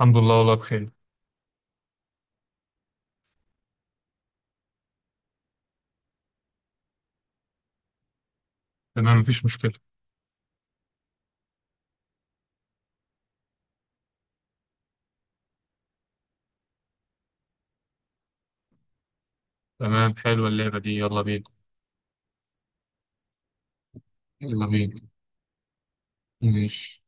الحمد لله والله بخير. تمام، مفيش مشكلة. تمام، حلوة اللعبة دي، يلا بينا. يلا بينا. ماشي.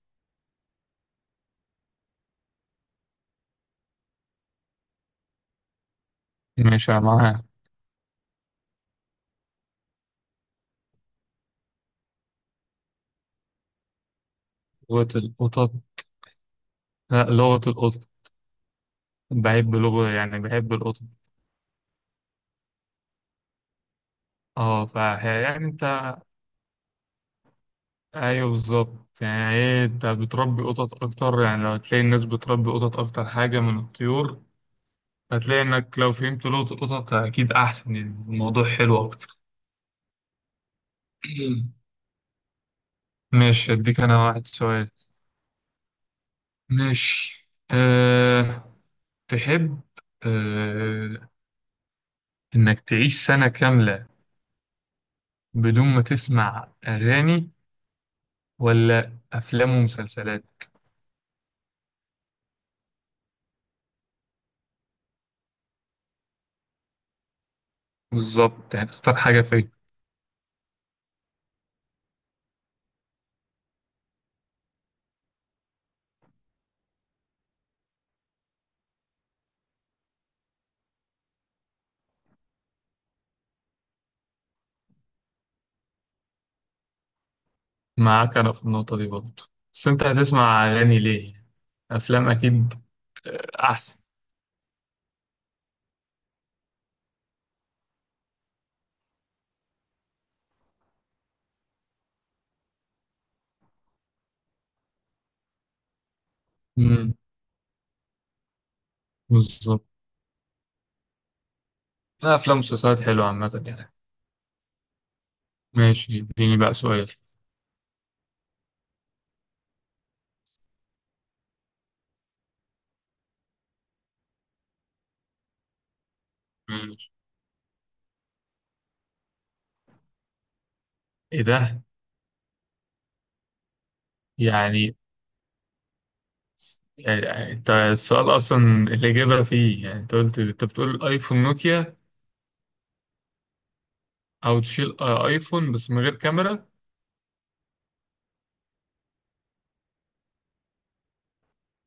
ماشي، أنا معاها. لغة القطط. لا، لغة القطط. بحب لغة يعني بحب القطط. اه ف يعني انت، ايوه بالظبط، يعني ايه، انت بتربي قطط اكتر، يعني لو هتلاقي الناس بتربي قطط اكتر حاجة من الطيور، هتلاقي انك لو فهمت لغة القطط اكيد احسن، يعني الموضوع حلو اكتر. ماشي، اديك انا واحد سؤال. ماشي تحب، آه، إنك تعيش سنة كاملة بدون ما تسمع أغاني ولا أفلام ومسلسلات؟ بالظبط، يعني تختار حاجة فين. معاك أنا في النقطة دي برضه، بس أنت هتسمع أغاني ليه؟ أفلام أكيد، أحسن. مم. بالظبط. لا، أفلام ومسلسلات حلوة عامة يعني. ماشي، اديني بقى سؤال. ماشي. إيه ده؟ يعني أنت السؤال أصلا الإجابة فيه، يعني أنت قلت، أنت بتقول أيفون نوكيا او تشيل ايفون بس من غير كاميرا.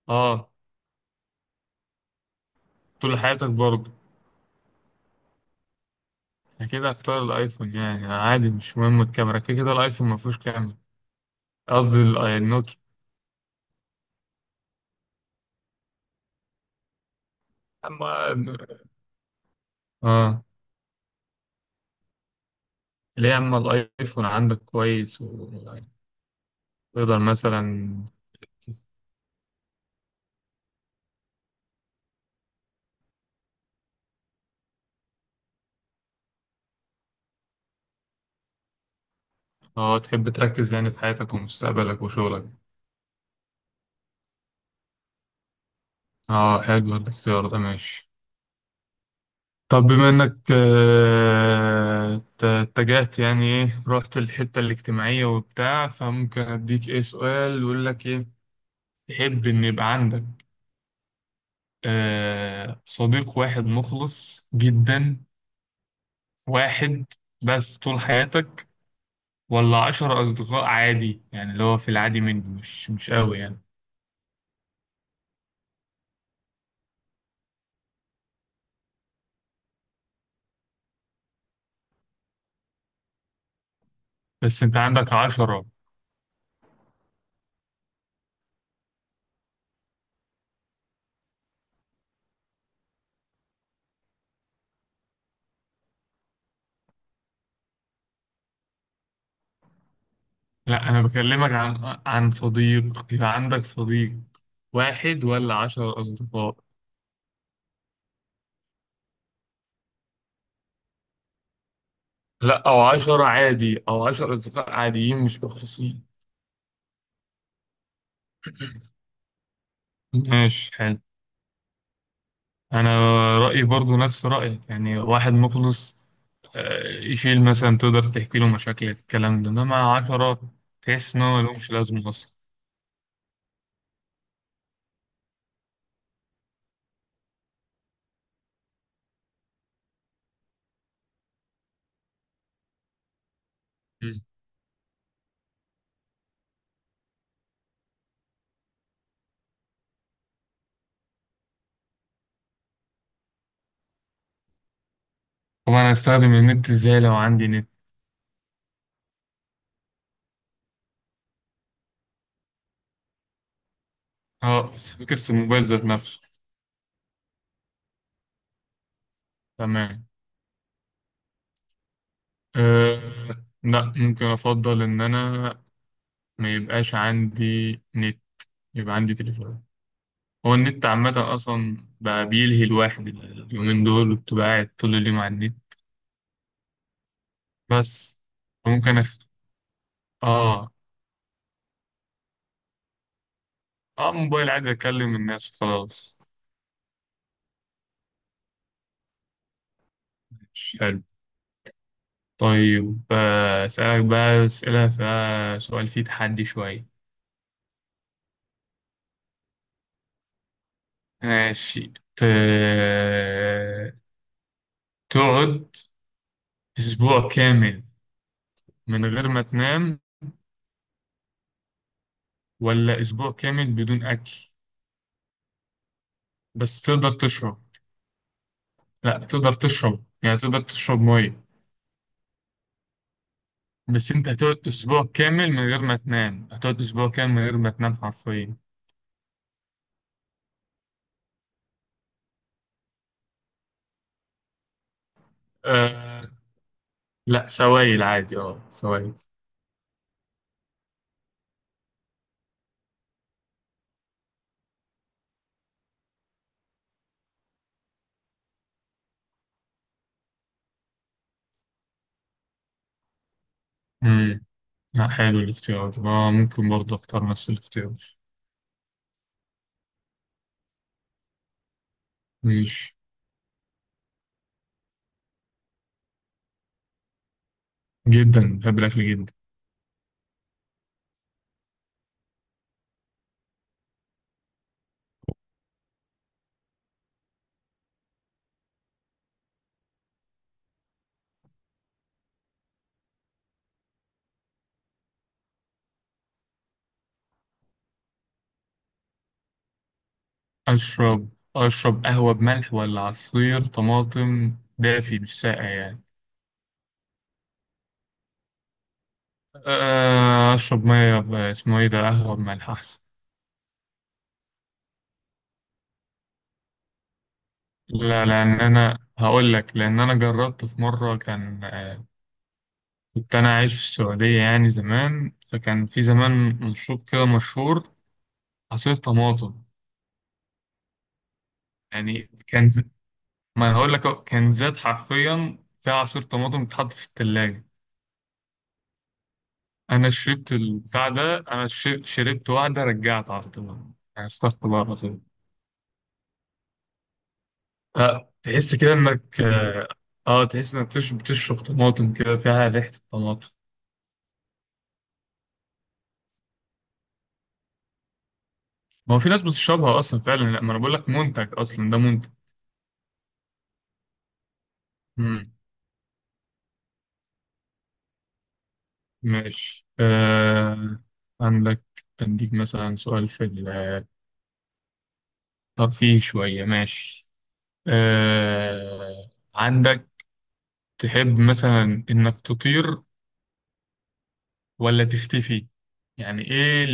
اه، طول حياتك برضه؟ اكيد هختار الايفون يعني عادي، مش مهم الكاميرا، كده كده الايفون ما فيهوش كاميرا. قصدي النوكيا. اما اه ليه، اما الايفون عندك كويس وتقدر مثلا؟ اه، تحب تركز يعني في حياتك ومستقبلك وشغلك؟ اه، حلو الاختيار ده، ماشي. طب بما انك اتجهت يعني، ايه، رحت الحتة الاجتماعية وبتاع، فممكن اديك ايه سؤال يقول لك ايه. تحب إن يبقى عندك صديق واحد مخلص جدا، واحد بس طول حياتك، ولا 10 أصدقاء عادي يعني، اللي هو في العادي منه مش قوي يعني؟ بس أنت عندك 10. لا، أنا بكلمك عن صديق، يبقى عندك صديق واحد ولا 10 أصدقاء. لا، أو 10 عادي، أو 10 أصدقاء عاديين مش مخلصين. ماشي، حلو. أنا رأيي برضو نفس رأيك، يعني واحد مخلص، يشيل، مثلا تقدر تحكي له مشاكل الكلام ده، انما 10 تحس ان هو ملهمش لازمة اصلا. مم. طب انا هستخدم النت ازاي لو عندي نت؟ اه، بس فكرة الموبايل ذات نفسه. تمام. أه لا، ممكن افضل ان انا ما يبقاش عندي نت، يبقى عندي تليفون. هو النت عامة اصلا بقى بيلهي الواحد اليومين دول، وبتبقى قاعد طول اليوم على النت. بس ممكن أخ... اه اه موبايل عادي اكلم الناس وخلاص. مش طيب، أسألك بقى أسئلة فيها سؤال فيه تحدي شوية. ماشي. ت... تقعد أسبوع كامل من غير ما تنام، ولا أسبوع كامل بدون أكل؟ بس تقدر تشرب. لا، تقدر تشرب يعني، تقدر تشرب مية. بس أنت هتقعد أسبوع كامل من غير ما تنام، هتقعد أسبوع كامل من غير ما تنام حرفيا. أه... لا، سوائل عادي، سوائل. مم. لا، حلو الاختيار ده، ممكن برضه أختار نفس الاختيار. ماشي. جدا، بحب الأكل جدا. أشرب، قهوة بملح ولا عصير طماطم دافي مش ساقع يعني؟ أشرب اسمه إيه ده، قهوة بملح أحسن. لا، لأن أنا هقول لك، لأن أنا جربت في مرة، كان كنت أنا عايش في السعودية يعني زمان، فكان في زمان مشروب كده مشهور، عصير طماطم. يعني كان ما أنا هقول لك أهو، كان زاد حرفيا، في عصير طماطم بيتحط في التلاجة. انا شربت البتاع ده، انا شربت واحده رجعت على طول يعني، استغفر الله العظيم. لا، تحس كده انك تحس انك بتشرب طماطم كده فيها ريحه الطماطم. ما هو في ناس بتشربها اصلا فعلا، لا، ما انا بقول لك منتج، اصلا ده منتج. مم. ماشي. آه عندك اديك مثلا سؤال في الترفيه شويه. ماشي. آه عندك تحب مثلا انك تطير ولا تختفي؟ يعني ايه؟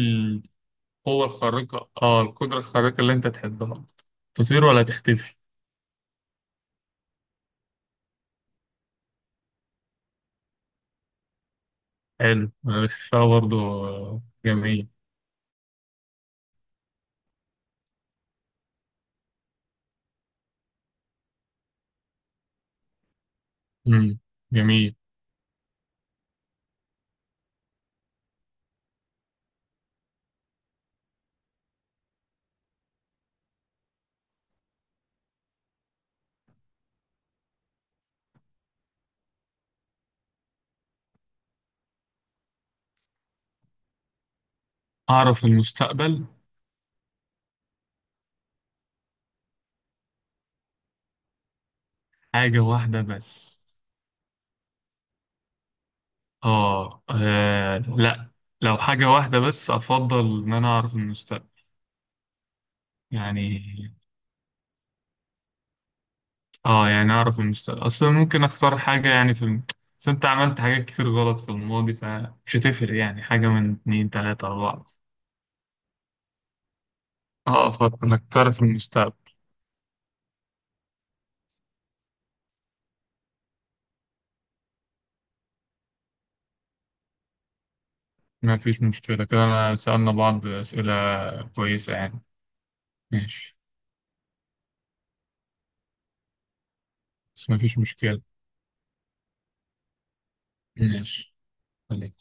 القوة الخارقة اه القدرة الخارقة اللي انت تحبها أكتر. تطير ولا تختفي؟ حلو الاختفاء برضو، جميل. مم. جميل. أعرف المستقبل. حاجة واحدة بس. لا، لو حاجة واحدة بس، أفضل إن أنا أعرف المستقبل. يعني، يعني أعرف المستقبل أصلا ممكن أختار حاجة يعني، بس أنت عملت حاجات كتير غلط في الماضي، فمش هتفرق يعني، حاجة من اتنين تلاتة أربعة. أفضل إنك تعرف المستقبل. ما فيش مشكلة كده، أنا سألنا بعض أسئلة كويسة يعني. ماشي. بس ما فيش مشكلة. ماشي، خليك.